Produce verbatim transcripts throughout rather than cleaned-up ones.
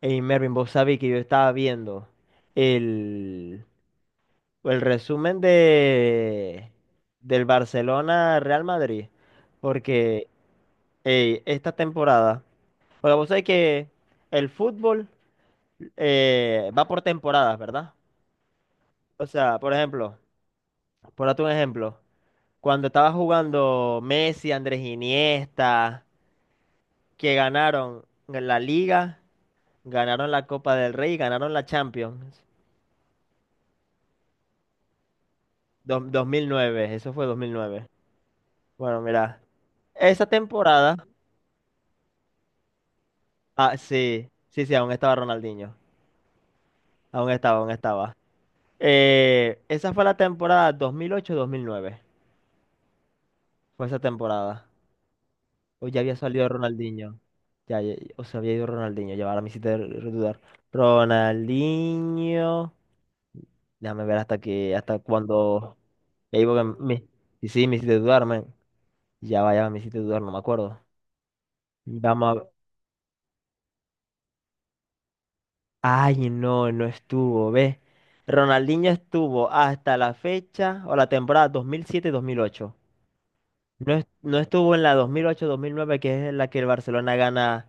Hey Mervin, vos sabés que yo estaba viendo el, el resumen de del Barcelona Real Madrid, porque ey, esta temporada, porque vos sabés que el fútbol eh, va por temporadas, ¿verdad? O sea, por ejemplo, por darte un ejemplo, cuando estaba jugando Messi, Andrés Iniesta, que ganaron la Liga, ganaron la Copa del Rey, y ganaron la Champions. Do- Dos- mil nueve, eso fue dos mil nueve. Bueno, mira, esa temporada, ah, sí, sí, sí, aún estaba Ronaldinho, aún estaba, aún estaba. Eh, esa fue la temporada dos dos mil ocho mil nueve, fue esa temporada. O ya había salido Ronaldinho, ya, ya- o se había ido Ronaldinho, ya ahora me hiciste r- dudar. Ronaldinho, déjame ver hasta que, hasta cuando, ya iba, que me, sí, sí, me hiciste dudar, man. Ya vaya, me hiciste dudar, no me acuerdo. Vamos. Ay, no, no estuvo, ¿ves? Ronaldinho estuvo hasta la fecha o la temporada dos mil siete-dos mil ocho. No, es- no estuvo en la dos mil ocho-dos mil nueve, que es en la que el Barcelona gana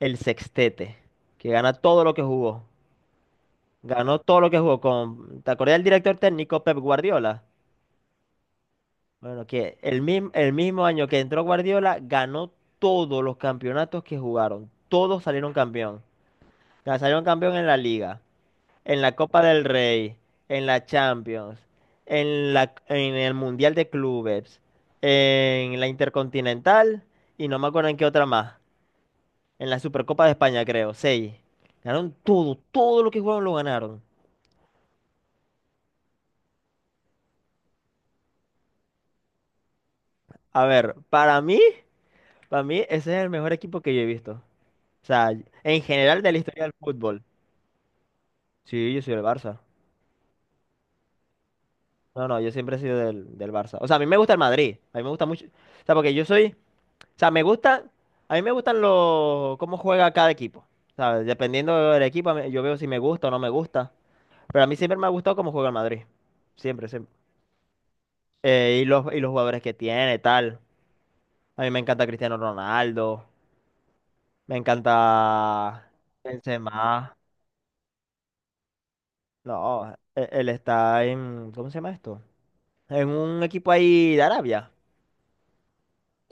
el sextete, que gana todo lo que jugó. Ganó todo lo que jugó con. ¿Te acordás del director técnico Pep Guardiola? Bueno, que el mismo, el mismo año que entró Guardiola, ganó todos los campeonatos que jugaron. Todos salieron campeón. Ya salieron campeón en la liga, en la Copa del Rey, en la Champions, en la, en el Mundial de Clubes, en la Intercontinental y no me acuerdo en qué otra más. En la Supercopa de España, creo, seis. Ganaron todo, todo lo que jugaron lo ganaron. A ver, para mí, para mí ese es el mejor equipo que yo he visto. O sea, en general de la historia del fútbol. Sí, yo soy del Barça. No, no, yo siempre he sido del, del Barça. O sea, a mí me gusta el Madrid. A mí me gusta mucho. O sea, porque yo soy. O sea, me gusta, a mí me gustan los, cómo juega cada equipo. ¿Sabes? Dependiendo del equipo, a mí- yo veo si me gusta o no me gusta. Pero a mí siempre me ha gustado cómo juega el Madrid. Siempre, siempre. Eh, y los, y los jugadores que tiene, tal. A mí me encanta Cristiano Ronaldo. Me encanta Benzema. No, e- él está en, ¿cómo se llama esto? En un equipo ahí de Arabia.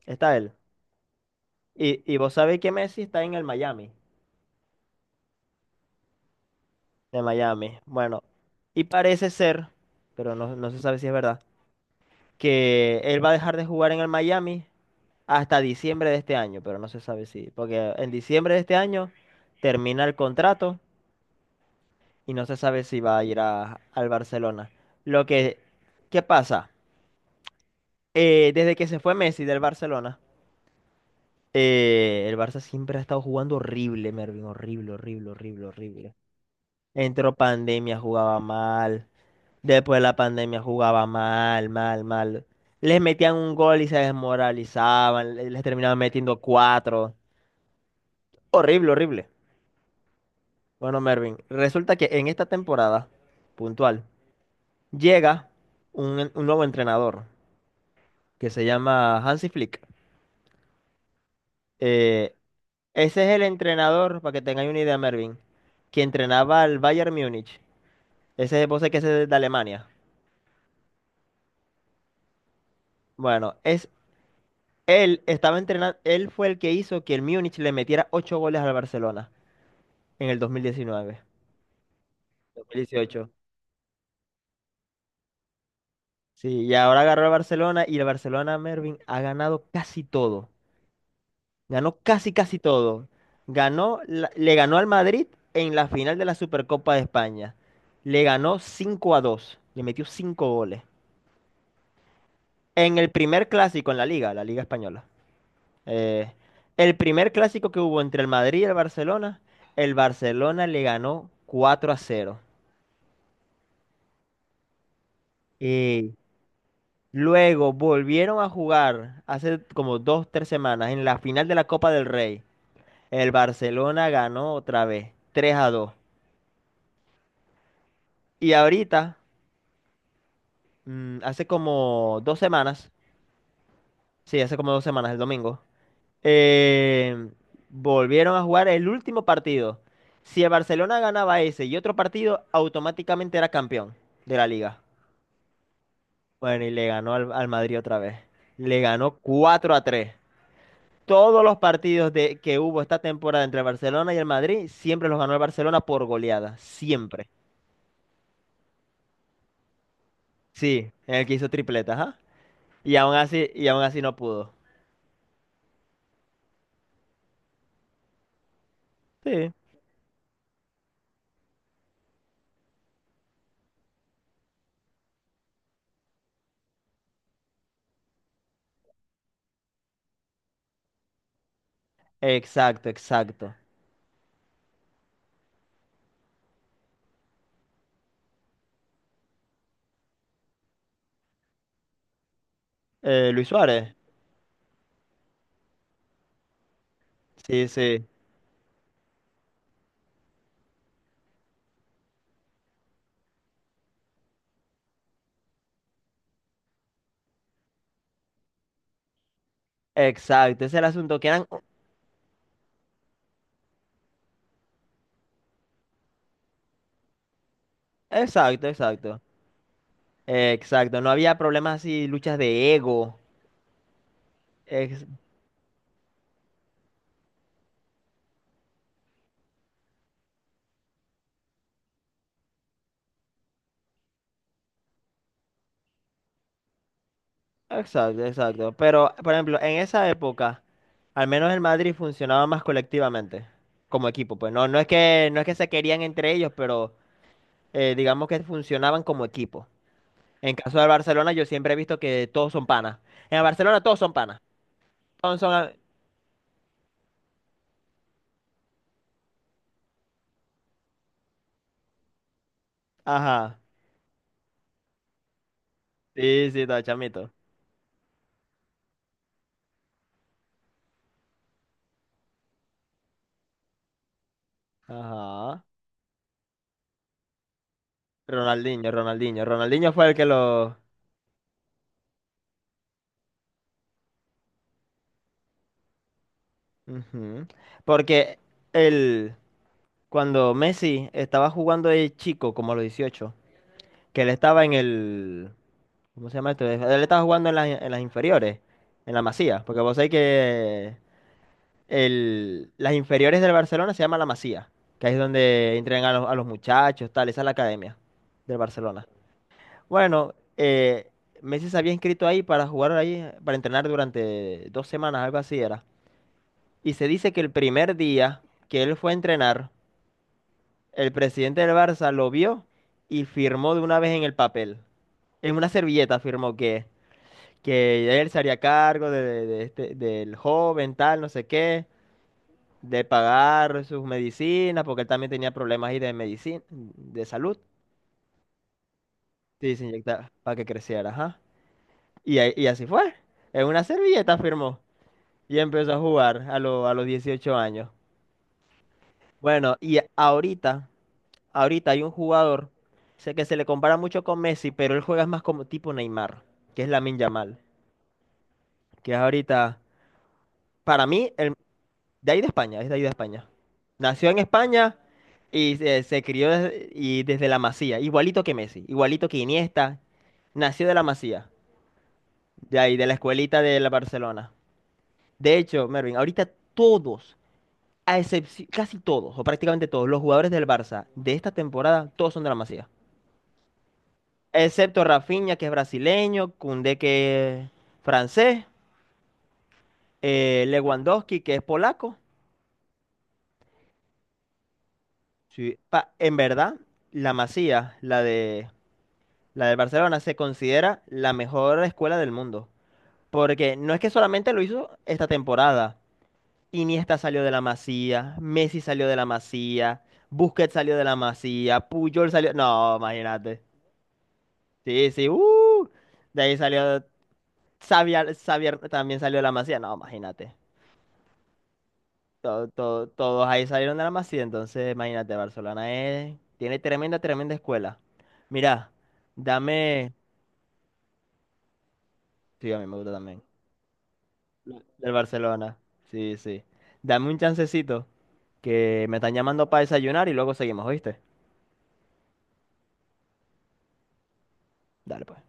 Está él. Y, y vos sabéis que Messi está en el Miami. De Miami. Bueno, y parece ser, pero no, no se sabe si es verdad, que él va a dejar de jugar en el Miami hasta diciembre de este año, pero no se sabe si, porque en diciembre de este año termina el contrato y no se sabe si va a ir a- al Barcelona. Lo que, ¿qué pasa? Eh, desde que se fue Messi del Barcelona, eh, el Barça siempre ha estado jugando horrible, Mervin, horrible, horrible, horrible, horrible. Entró pandemia, jugaba mal. Después de la pandemia jugaba mal, mal, mal. Les metían un gol y se desmoralizaban, le- les terminaban metiendo cuatro. Horrible, horrible. Bueno, Mervin, resulta que en esta temporada puntual llega un, en- un nuevo entrenador que se llama Hansi Flick. Eh, ese es el entrenador, para que tengáis una idea, Mervin, que entrenaba al Bayern Múnich. Ese es el que es de Alemania. Bueno, es. Él estaba entrenando, él fue el que hizo que el Múnich le metiera ocho goles al Barcelona en el dos mil diecinueve, dos mil dieciocho. Sí, y ahora agarró al Barcelona y el Barcelona, Mervin, ha ganado casi todo. Ganó casi casi todo. Ganó, la- le ganó al Madrid en la final de la Supercopa de España. Le ganó cinco a dos. Le metió cinco goles. En el primer clásico en la liga, la liga española. Eh, el primer clásico que hubo entre el Madrid y el Barcelona, el Barcelona le ganó cuatro a cero. Y luego volvieron a jugar hace como dos, tres semanas en la final de la Copa del Rey. El Barcelona ganó otra vez, tres a dos. Y ahorita, mm, hace como dos semanas, sí, hace como dos semanas, el domingo. eh, Volvieron a jugar el último partido. Si el Barcelona ganaba ese y otro partido, automáticamente era campeón de la liga. Bueno, y le ganó al, al Madrid otra vez. Le ganó cuatro a tres. Todos los partidos de, que hubo esta temporada entre el Barcelona y el Madrid, siempre los ganó el Barcelona por goleada. Siempre. Sí, en el que hizo tripletas, ajá. Y aún así, y aún así no pudo. Sí, exacto, exacto. Eh, Luis Suárez. Sí, sí. Exacto, ese es el asunto, que eran. Exacto, exacto. Exacto. No había problemas así, luchas de ego. Ex- exacto, exacto. Pero, por ejemplo, en esa época, al menos el Madrid funcionaba más colectivamente, como equipo. Pues no, no es que, no es que se querían entre ellos, pero eh, digamos que funcionaban como equipo. En caso del Barcelona, yo siempre he visto que todos son panas. En el Barcelona todos son panas. Todos son. a- Ajá. Sí, sí, todo chamito. Ajá. Ronaldinho, Ronaldinho. Ronaldinho fue el que lo. Ujú. Porque el, cuando Messi estaba jugando de chico, como a los dieciocho, que él estaba en el, ¿cómo se llama esto? Él estaba jugando en las, en las inferiores, en la Masía, porque vos sabés que el, las inferiores del Barcelona se llama la Masía, que ahí es donde entrenan a los, a los muchachos, tal, esa es la academia del Barcelona. Bueno, eh, Messi se había inscrito ahí para jugar ahí, para entrenar durante dos semanas, algo así era. Y se dice que el primer día que él fue a entrenar, el presidente del Barça lo vio y firmó de una vez en el papel. En una servilleta firmó que, que él se haría cargo de, de- de este, del joven, tal, no sé qué, de pagar sus medicinas, porque él también tenía problemas ahí de medicina, de salud. Sí, se inyectaba para que creciera, ajá. Y, ahí- y así fue. En una servilleta firmó y empezó a jugar a, lo- a los dieciocho años. Bueno, y ahorita. Ahorita hay un jugador, sé que se le compara mucho con Messi, pero él juega más como tipo Neymar, que es Lamine Yamal, que es ahorita, para mí, el, de ahí de España, es de ahí de España. Nació en España y se, se crió desde, y desde la Masía, igualito que Messi, igualito que Iniesta, nació de la Masía, de ahí, de la escuelita de la Barcelona. De hecho, Mervin, ahorita todos, a excepción, casi todos, o prácticamente todos, los jugadores del Barça de esta temporada, todos son de la Masía. Excepto Rafinha, que es brasileño, Koundé, que es francés, eh, Lewandowski, que es polaco. Sí, pa- en verdad, la Masía, la de la del Barcelona, se considera la mejor escuela del mundo. Porque no es que solamente lo hizo esta temporada. Iniesta salió de la Masía, Messi salió de la Masía, Busquets salió de la Masía, Puyol salió... No, imagínate. Sí, sí, uh, de ahí salió... Xavi, Al- Xavi Her- también salió de la Masía. No, imagínate. to- to- todos ahí salieron de la Masía, entonces imagínate, Barcelona es, tiene tremenda, tremenda escuela. Mira, dame, sí, a mí me gusta también, del Barcelona, sí, sí. Dame un chancecito, que me están llamando para desayunar y luego seguimos, ¿oíste? Dale, pues.